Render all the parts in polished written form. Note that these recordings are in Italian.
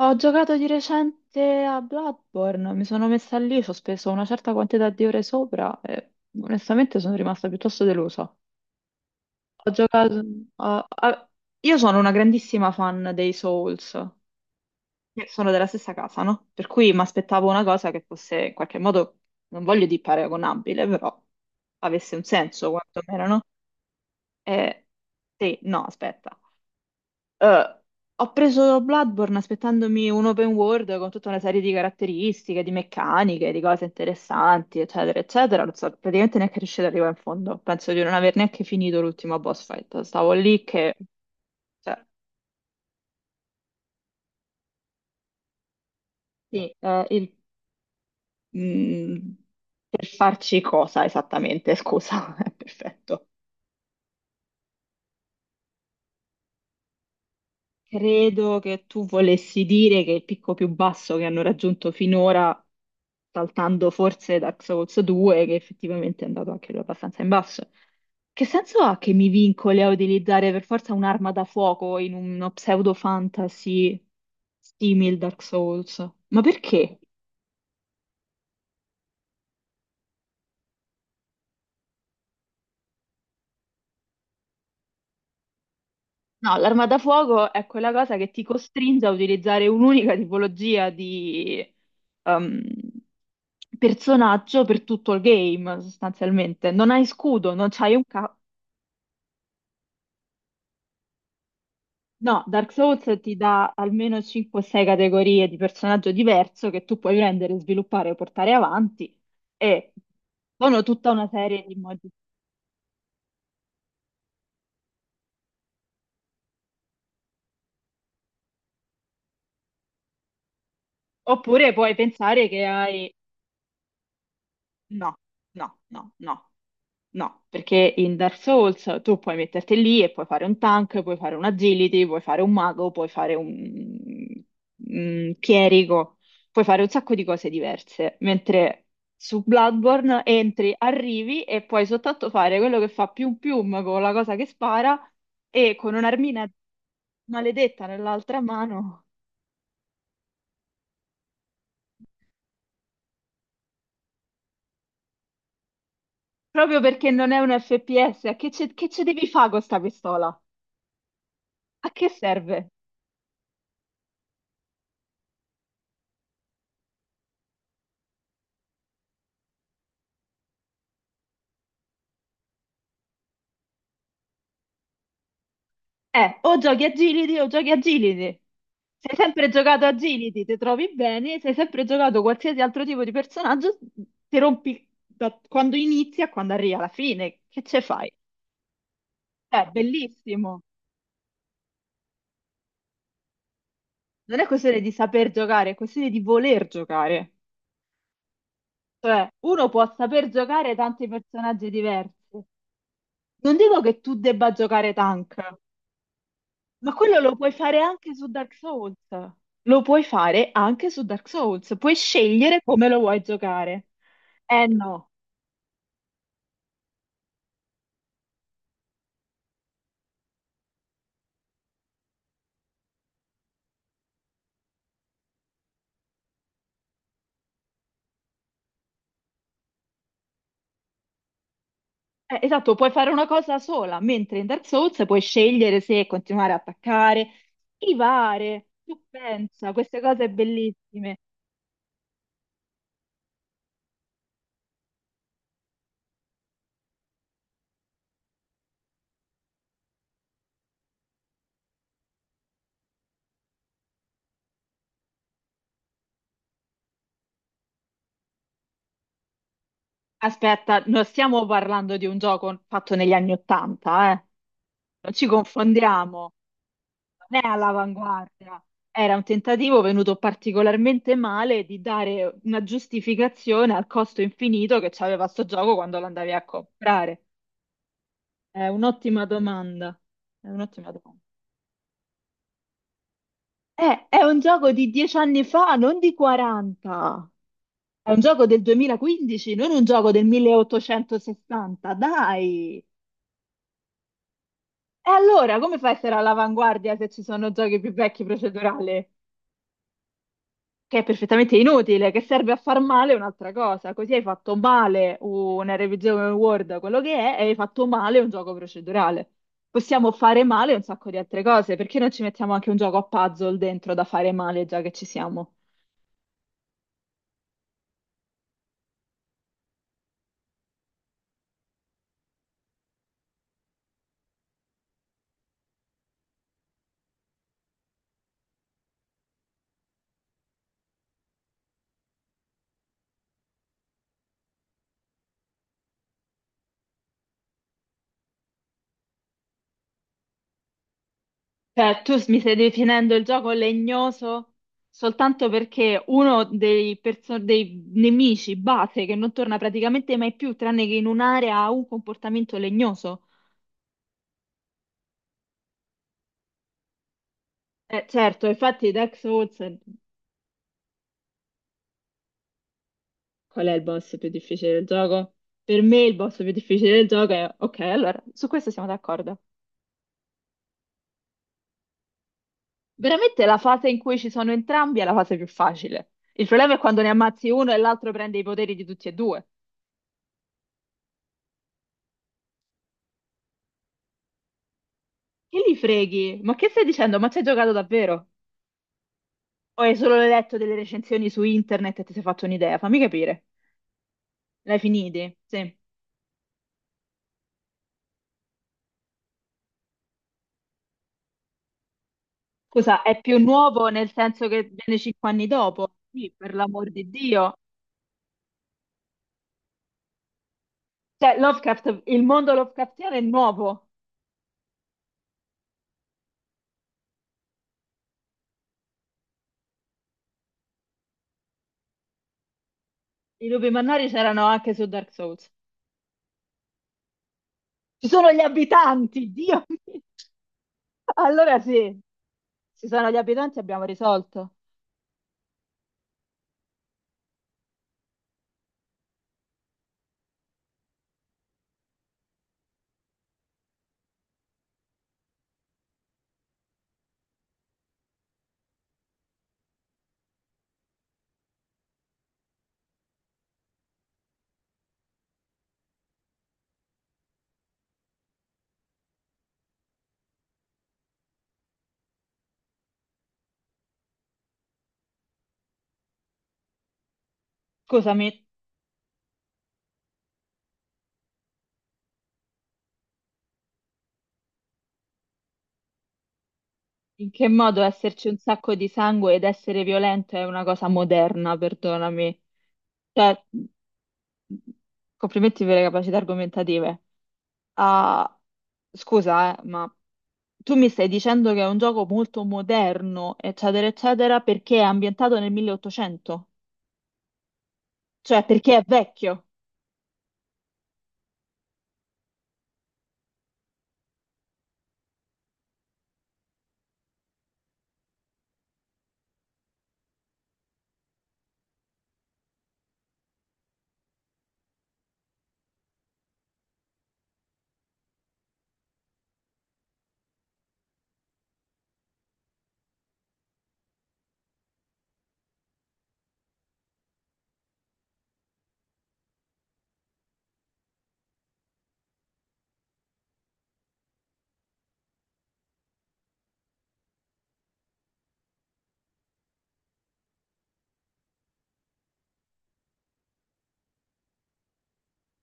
Ho giocato di recente a Bloodborne, mi sono messa lì, ci ho speso una certa quantità di ore sopra e onestamente sono rimasta piuttosto delusa. Ho giocato... a- a- Io sono una grandissima fan dei Souls, che sono della stessa casa, no? Per cui mi aspettavo una cosa che fosse in qualche modo, non voglio dire paragonabile, però avesse un senso quantomeno, no? E... Sì, no, aspetta. Eh, ho preso Bloodborne aspettandomi un open world con tutta una serie di caratteristiche, di meccaniche, di cose interessanti, eccetera, eccetera. Non so, praticamente neanche riuscito ad arrivare in fondo. Penso di non aver neanche finito l'ultimo boss fight. Stavo lì che, cioè, sì, mm, per farci cosa esattamente? Scusa, perfetto. Credo che tu volessi dire che il picco più basso che hanno raggiunto finora, saltando forse Dark Souls 2, che effettivamente è andato anche lui abbastanza in basso. Che senso ha che mi vincoli a utilizzare per forza un'arma da fuoco in uno pseudo fantasy simil Dark Souls? Ma perché? No, l'arma da fuoco è quella cosa che ti costringe a utilizzare un'unica tipologia di ehm, personaggio per tutto il game, sostanzialmente. Non hai scudo, non c'hai un ca... No, Dark Souls ti dà almeno 5-6 categorie di personaggio diverso che tu puoi prendere, sviluppare o portare avanti e sono tutta una serie di modi. Oppure puoi pensare che hai... No, no, no, no. No, perché in Dark Souls tu puoi metterti lì e puoi fare un tank, puoi fare un agility, puoi fare un mago, puoi fare un chierico, puoi fare un sacco di cose diverse, mentre su Bloodborne entri, arrivi e puoi soltanto fare quello che fa pium pium con la cosa che spara e con un'armina maledetta nell'altra mano, proprio perché non è un FPS, che ce devi fare con sta pistola? A che serve? O giochi a Gilidi o giochi a Gilidi. Se hai sempre giocato a Gilidi, ti trovi bene, se hai sempre giocato qualsiasi altro tipo di personaggio, ti rompi da quando inizi a quando arrivi alla fine. Che ce fai? È bellissimo. Non è questione di saper giocare, è questione di voler giocare. Cioè, uno può saper giocare tanti personaggi diversi. Non dico che tu debba giocare tank, ma quello lo puoi fare anche su Dark Souls. Lo puoi fare anche su Dark Souls. Puoi scegliere come lo vuoi giocare. Eh no. Esatto, puoi fare una cosa sola, mentre in Dark Souls puoi scegliere se continuare a attaccare, schivare, tu pensa, queste cose bellissime. Aspetta, non stiamo parlando di un gioco fatto negli anni Ottanta, eh? Non ci confondiamo. Non è all'avanguardia, era un tentativo venuto particolarmente male di dare una giustificazione al costo infinito che c'aveva sto gioco quando lo andavi a comprare. È un'ottima domanda. È un'ottima domanda. È un gioco di 10 anni fa, non di 40. È un gioco del 2015, non un gioco del 1860. Dai! E allora, come fai a essere all'avanguardia se ci sono giochi più vecchi procedurali? Che è perfettamente inutile, che serve a far male è un'altra cosa. Così hai fatto male una revisione Word, quello che è, e hai fatto male un gioco procedurale. Possiamo fare male un sacco di altre cose, perché non ci mettiamo anche un gioco a puzzle dentro da fare male già che ci siamo? Cioè, mi stai definendo il gioco legnoso soltanto perché uno dei, dei nemici base che non torna praticamente mai più, tranne che in un'area, ha un comportamento legnoso. Certo, infatti Dark Souls. Qual è il boss più difficile del gioco? Per me il boss più difficile del gioco è... Ok, allora, su questo siamo d'accordo. Veramente la fase in cui ci sono entrambi è la fase più facile. Il problema è quando ne ammazzi uno e l'altro prende i poteri di tutti e due. Che li freghi? Ma che stai dicendo? Ma ci hai giocato davvero? O hai solo letto delle recensioni su internet e ti sei fatto un'idea? Fammi capire. L'hai finiti? Sì. Scusa, è più nuovo nel senso che viene 5 anni dopo? Sì, per l'amor di Dio. Cioè, Lovecraft, il mondo Lovecraftiano è nuovo. I lupi mannari c'erano anche su Dark Souls. Ci sono gli abitanti, Dio mio! Allora sì, ci sono gli abitanti, abbiamo risolto. Scusami, in che modo esserci un sacco di sangue ed essere violento è una cosa moderna, perdonami. Cioè, complimenti per le capacità argomentative. Ah, scusa, ma tu mi stai dicendo che è un gioco molto moderno, eccetera, eccetera, perché è ambientato nel 1800? Cioè, perché è vecchio?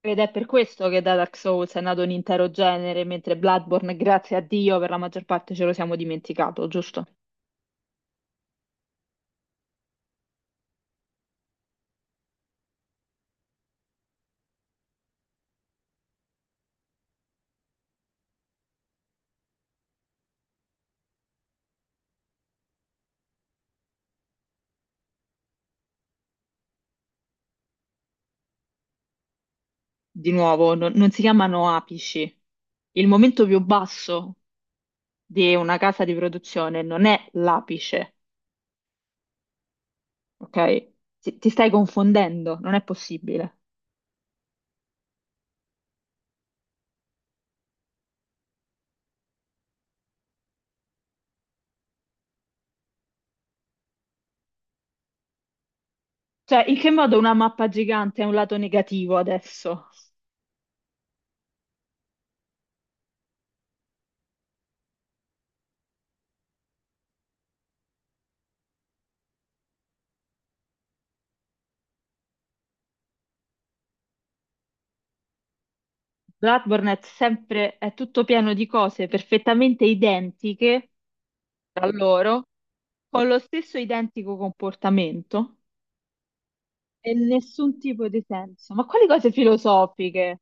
Ed è per questo che da Dark Souls è nato un intero genere, mentre Bloodborne, grazie a Dio, per la maggior parte ce lo siamo dimenticato, giusto? Di nuovo, non si chiamano apici. Il momento più basso di una casa di produzione non è l'apice, ok? Ti stai confondendo, non è possibile. Cioè, in che modo una mappa gigante è un lato negativo adesso? Bloodborne è sempre, è tutto pieno di cose perfettamente identiche tra loro con lo stesso identico comportamento e nessun tipo di senso. Ma quali cose filosofiche?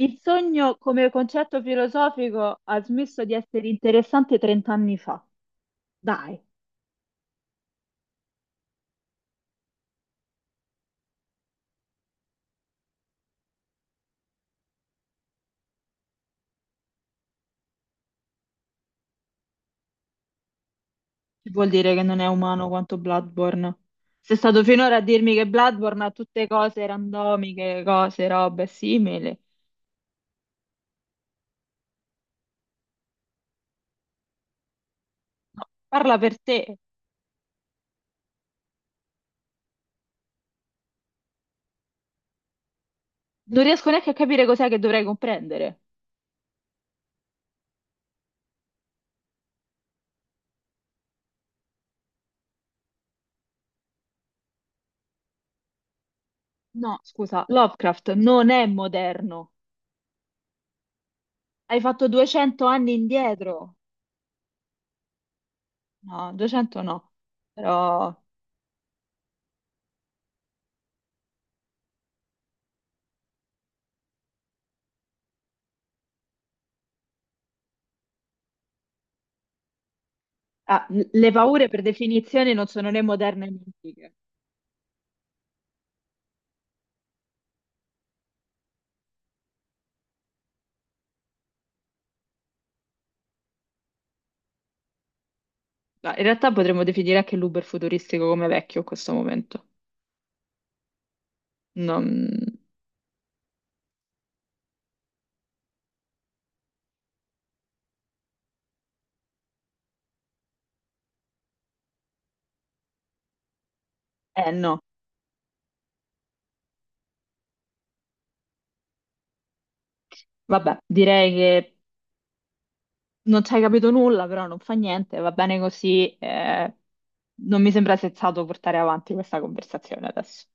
Il sogno come concetto filosofico ha smesso di essere interessante 30 anni fa. Dai, vuol dire che non è umano quanto Bloodborne. Sei stato finora a dirmi che Bloodborne ha tutte cose randomiche, cose, robe simili. No, parla per te. Non riesco neanche a capire cos'è che dovrei comprendere. No, scusa, Lovecraft non è moderno. Hai fatto 200 anni indietro? No, 200 no, però ah, le paure per definizione non sono né moderne né antiche. No, in realtà potremmo definire anche l'Uber futuristico come vecchio in questo momento. Non... Eh no, vabbè, direi che non ci hai capito nulla, però non fa niente, va bene così. Non mi sembra sensato portare avanti questa conversazione adesso.